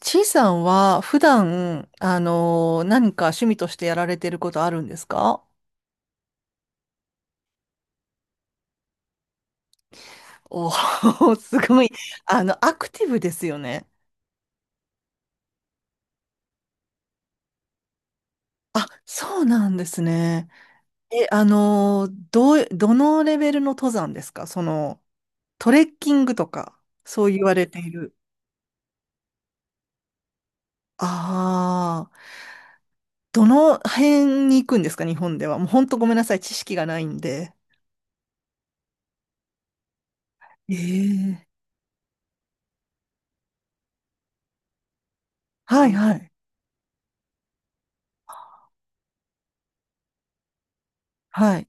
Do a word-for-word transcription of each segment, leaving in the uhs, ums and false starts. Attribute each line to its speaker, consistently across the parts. Speaker 1: ちいさんは普段、あのー何か趣味としてやられてることあるんですか？おー すごい。あの、アクティブですよね。あ、そうなんですね。え、あのーどう、どのレベルの登山ですか？その、トレッキングとか、そう言われている。ああ、どの辺に行くんですか、日本では？もう本当ごめんなさい。知識がないんで。ええ、はいはい。はい。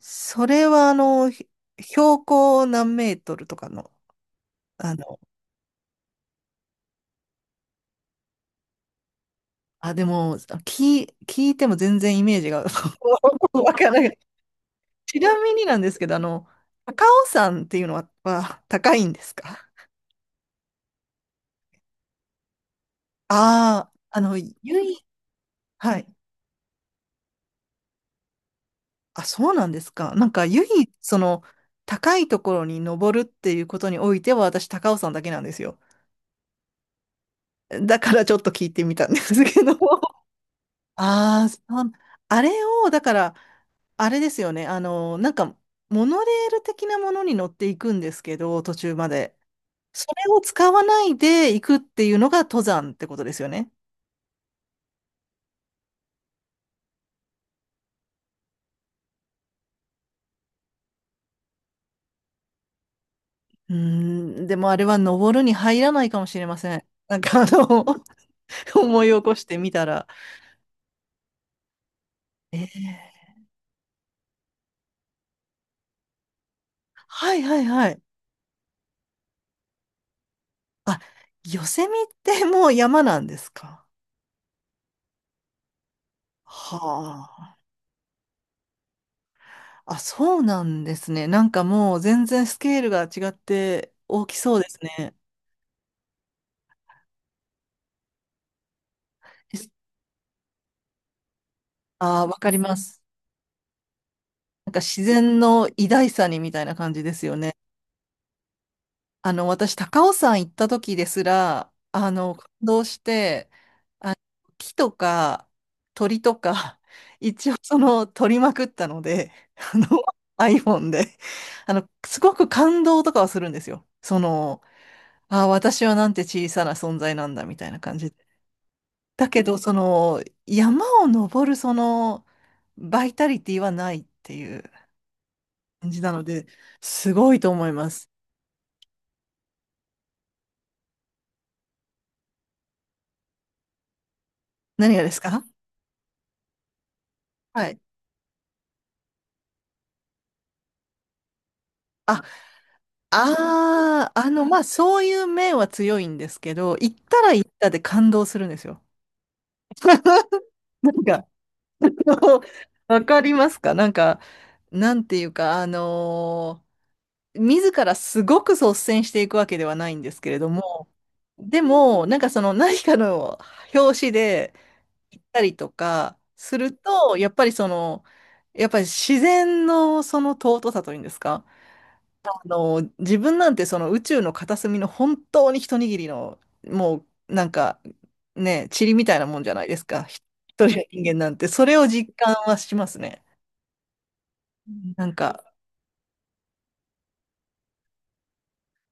Speaker 1: それはあの、ひ標高何メートルとかの、あの、あ、でも、聞い、聞いても全然イメージが わからない。ちなみになんですけど、あの、高尾山っていうのは、は高いんですか？ああー、あの、唯一、はい。あ、そうなんですか。なんか、唯一、その、高いところに登るっていうことにおいては、私、高尾山だけなんですよ。だから、ちょっと聞いてみたんですけど。ああ、そう、あれを、だから、あれですよね。あの、なんか、モノレール的なものに乗っていくんですけど、途中まで。それを使わないで行くっていうのが登山ってことですよね。うーん、でもあれは登るに入らないかもしれません。なんかあの、思い起こしてみたら。えー、はいはいはい。あ、ヨセミってもう山なんですか？はあ。あ、そうなんですね。なんかもう全然スケールが違って大きそうですね。ああ、わかります。なんか自然の偉大さにみたいな感じですよね。あの、私、高尾山行った時ですら、あの、感動して、木とか鳥とか、一応その、撮りまくったので、あの、iPhone で、あの、すごく感動とかはするんですよ。その、ああ、私はなんて小さな存在なんだ、みたいな感じで。だけど、その、山を登る、その、バイタリティはないっていう感じなので、すごいと思います。何がですか？はい。あ、ああ、あの、まあ、そういう面は強いんですけど、行ったら行ったで感動するんですよ。なんか、あの、わかりますか？なんか、なんていうか、あのー自らすごく率先していくわけではないんですけれども、でも、なんかその何かの表紙で行ったりとかすると、やっぱりその、やっぱり自然のその尊さというんですか？あの、自分なんてその宇宙の片隅の本当に一握りの、もうなんかね、塵みたいなもんじゃないですか。ひ一人の人間なんて、それを実感はしますね。うん、なんか、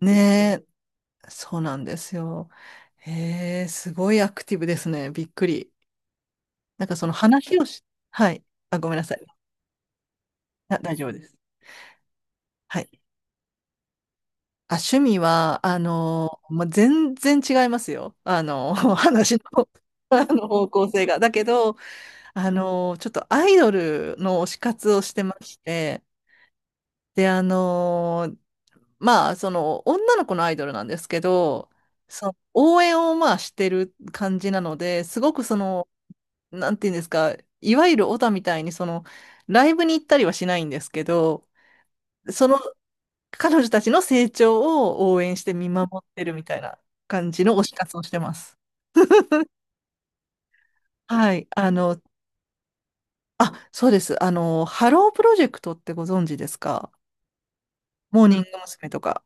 Speaker 1: ねえ、そうなんですよ。へえ、すごいアクティブですね。びっくり。なんかその話をし、はい。あ、ごめんなさい。あ、大丈夫です。はい。あ、趣味は、あの、まあ、全然違いますよ。あの、話の、あの方向性が。だけど、あの、ちょっとアイドルの推し活をしてまして、で、あの、まあ、その、女の子のアイドルなんですけど、その、応援をまあしてる感じなので、すごくその、なんていうんですか、いわゆるオタみたいに、その、ライブに行ったりはしないんですけど、その、彼女たちの成長を応援して見守ってるみたいな感じの推し活をしてます。はい。あの、あ、そうです。あの、ハロープロジェクトってご存知ですか？モーニング娘。とか。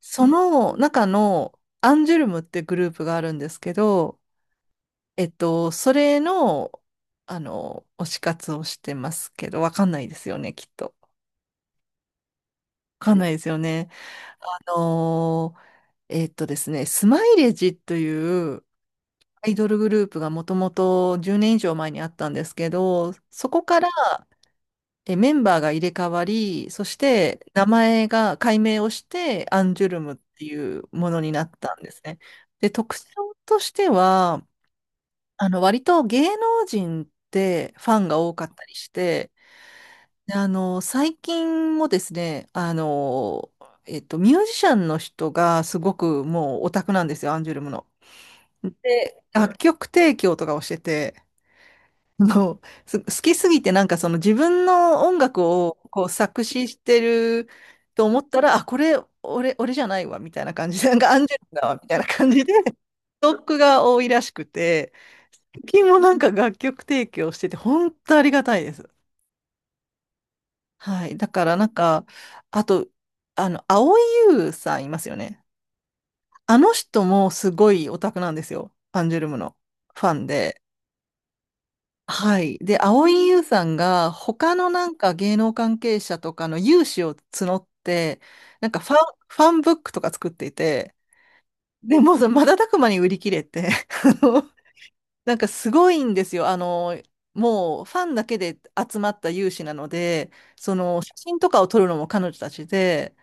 Speaker 1: その中のアンジュルムってグループがあるんですけど、えっと、それの、あの、推し活をしてますけど、わかんないですよね、きっと。わかんないですよね。あのーえっとですね、スマイレージというアイドルグループがもともとじゅうねん以上前にあったんですけど、そこから、え、メンバーが入れ替わり、そして名前が改名をして、アンジュルムっていうものになったんですね。で、特徴としては、あの、割と芸能人ってファンが多かったりして、で、あの、最近もですね、あの、えっと、ミュージシャンの人がすごくもうオタクなんですよ、アンジュルムの。で、楽曲提供とかをしてて、もう、す好きすぎてなんかその自分の音楽をこう作詞してると思ったら、あ、これ、俺、俺じゃないわ、みたいな感じで、なんかアンジェリーだわ、みたいな感じで、ストックが多いらしくて、最近もなんか楽曲提供してて、本当ありがたいです。はい。だからなんか、あと、あの、蒼井優さんいますよね。あの人もすごいオタクなんですよ。アンジュルムのファンで。はい。で、蒼井優さんが他のなんか芸能関係者とかの有志を募って、なんかファン、ファンブックとか作っていて、でもうその瞬く間に売り切れて、あの、なんかすごいんですよ。あの、もうファンだけで集まった有志なので、その写真とかを撮るのも彼女たちで、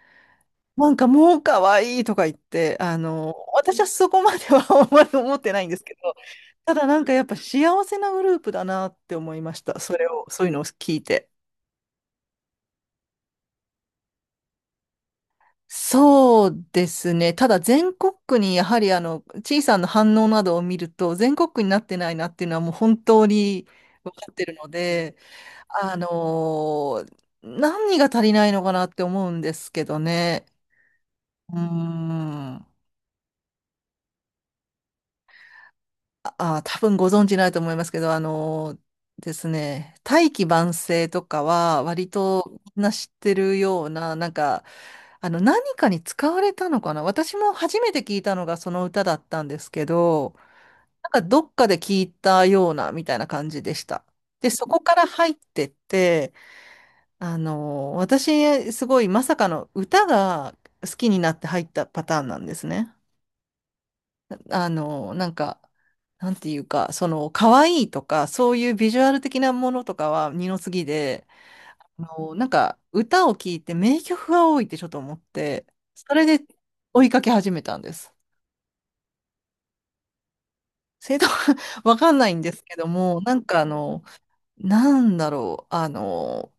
Speaker 1: なんかもう可愛いとか言って、あの、私はそこまでは あんまり思ってないんですけど、ただなんかやっぱ幸せなグループだなって思いました。それを、そういうのを聞いて。そうですね。ただ全国区にやはりあの、小さな反応などを見ると、全国区になってないなっていうのはもう本当に分かってるので、あのー何が足りないのかなって思うんですけどね。うーん。あ、あ、多分ご存知ないと思いますけど、あのですね、大器晩成とかは割とみんな知ってるような、なんか、あの、何かに使われたのかな、私も初めて聞いたのがその歌だったんですけど、なんかどっかで聞いたようなみたいな感じでした。で、そこから入ってって、あの、私、すごいまさかの歌が好きになって入ったパターンなんですね。あの、なんか、なんていうか、その、可愛いとか、そういうビジュアル的なものとかは二の次で、あの、なんか歌を聴いて名曲が多いってちょっと思って、それで追いかけ始めたんです。正当 わかんないんですけども、なんかあの、なんだろう、あの、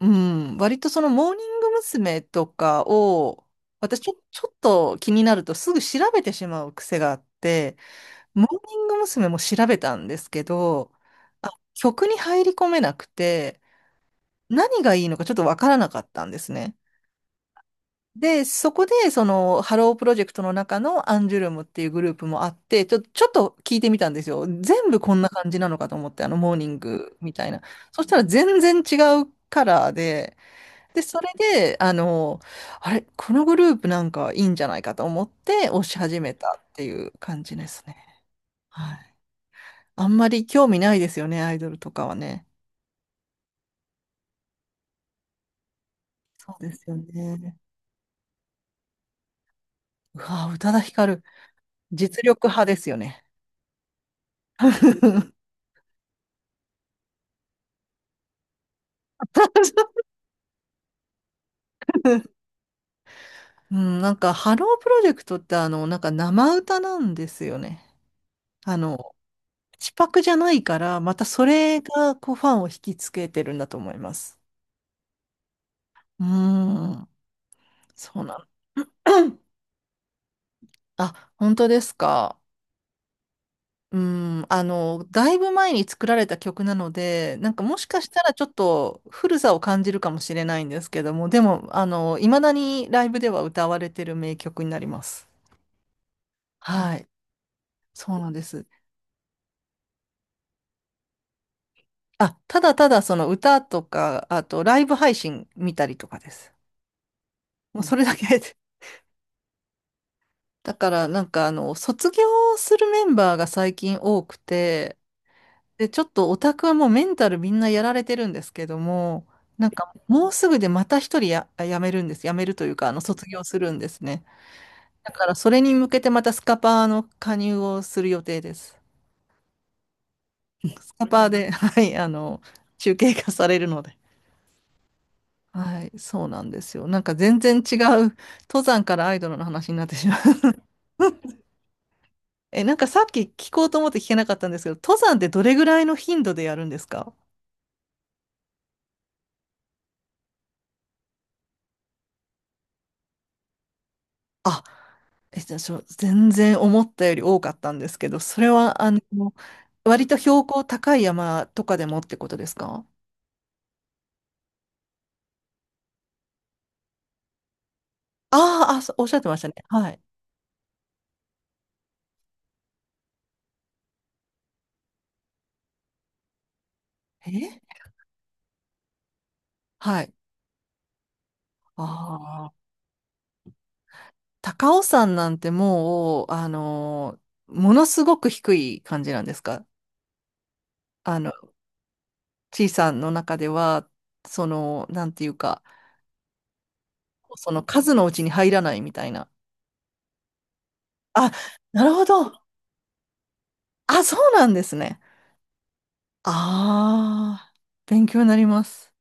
Speaker 1: うん、割とそのモーニング娘。とかを、私ちょ、ちょっと気になるとすぐ調べてしまう癖があって、モーニング娘。も調べたんですけど、あ、曲に入り込めなくて、何がいいのかちょっとわからなかったんですね。で、そこで、その、ハロープロジェクトの中のアンジュルムっていうグループもあって、ちょ、ちょっと聞いてみたんですよ。全部こんな感じなのかと思って、あの、モーニングみたいな。そしたら全然違うカラーで、で、それで、あの、あれ、このグループなんかいいんじゃないかと思って推し始めたっていう感じですね。はい。あんまり興味ないですよね、アイドルとかはね。そうですよね。うわぁ、宇多田ヒカル、実力派ですよね。うん、なんか、ハロープロジェクトって、あの、なんか生歌なんですよね。あの、口パクじゃないから、またそれが、こう、ファンを引きつけてるんだと思います。うーん、そうなん。あ、本当ですか。うーん、あの、だいぶ前に作られた曲なので、なんかもしかしたらちょっと古さを感じるかもしれないんですけども、でも、あの、いまだにライブでは歌われてる名曲になります。はい、そうなんです。あ、ただただその歌とか、あとライブ配信見たりとかです。もうそれだけで。だからなんかあの、卒業するメンバーが最近多くて、で、ちょっとオタクはもうメンタルみんなやられてるんですけども、なんかもうすぐでまた一人や、辞めるんです。辞めるというか、あの、卒業するんですね。だからそれに向けてまたスカパーの加入をする予定です。スカパーで、はい、あの、中継化されるので。はい、そうなんですよ。なんか全然違う、登山からアイドルの話になってしまう。え、なんかさっき聞こうと思って聞けなかったんですけど、登山ってどれぐらいの頻度でやるんですか？あ、え、じゃあ、ちょ全然思ったより多かったんですけど、それは、あの、割と標高高い山とかでもってことですか？あーあ、そうおっしゃってましたね。はい。え、はい。ああ、高尾山なんてもう、あのーものすごく低い感じなんですか？あのちいさんの中では、その、なんていうか、その数のうちに入らないみたいな。あ、なるほど。あ、そうなんですね。ああ、勉強になります。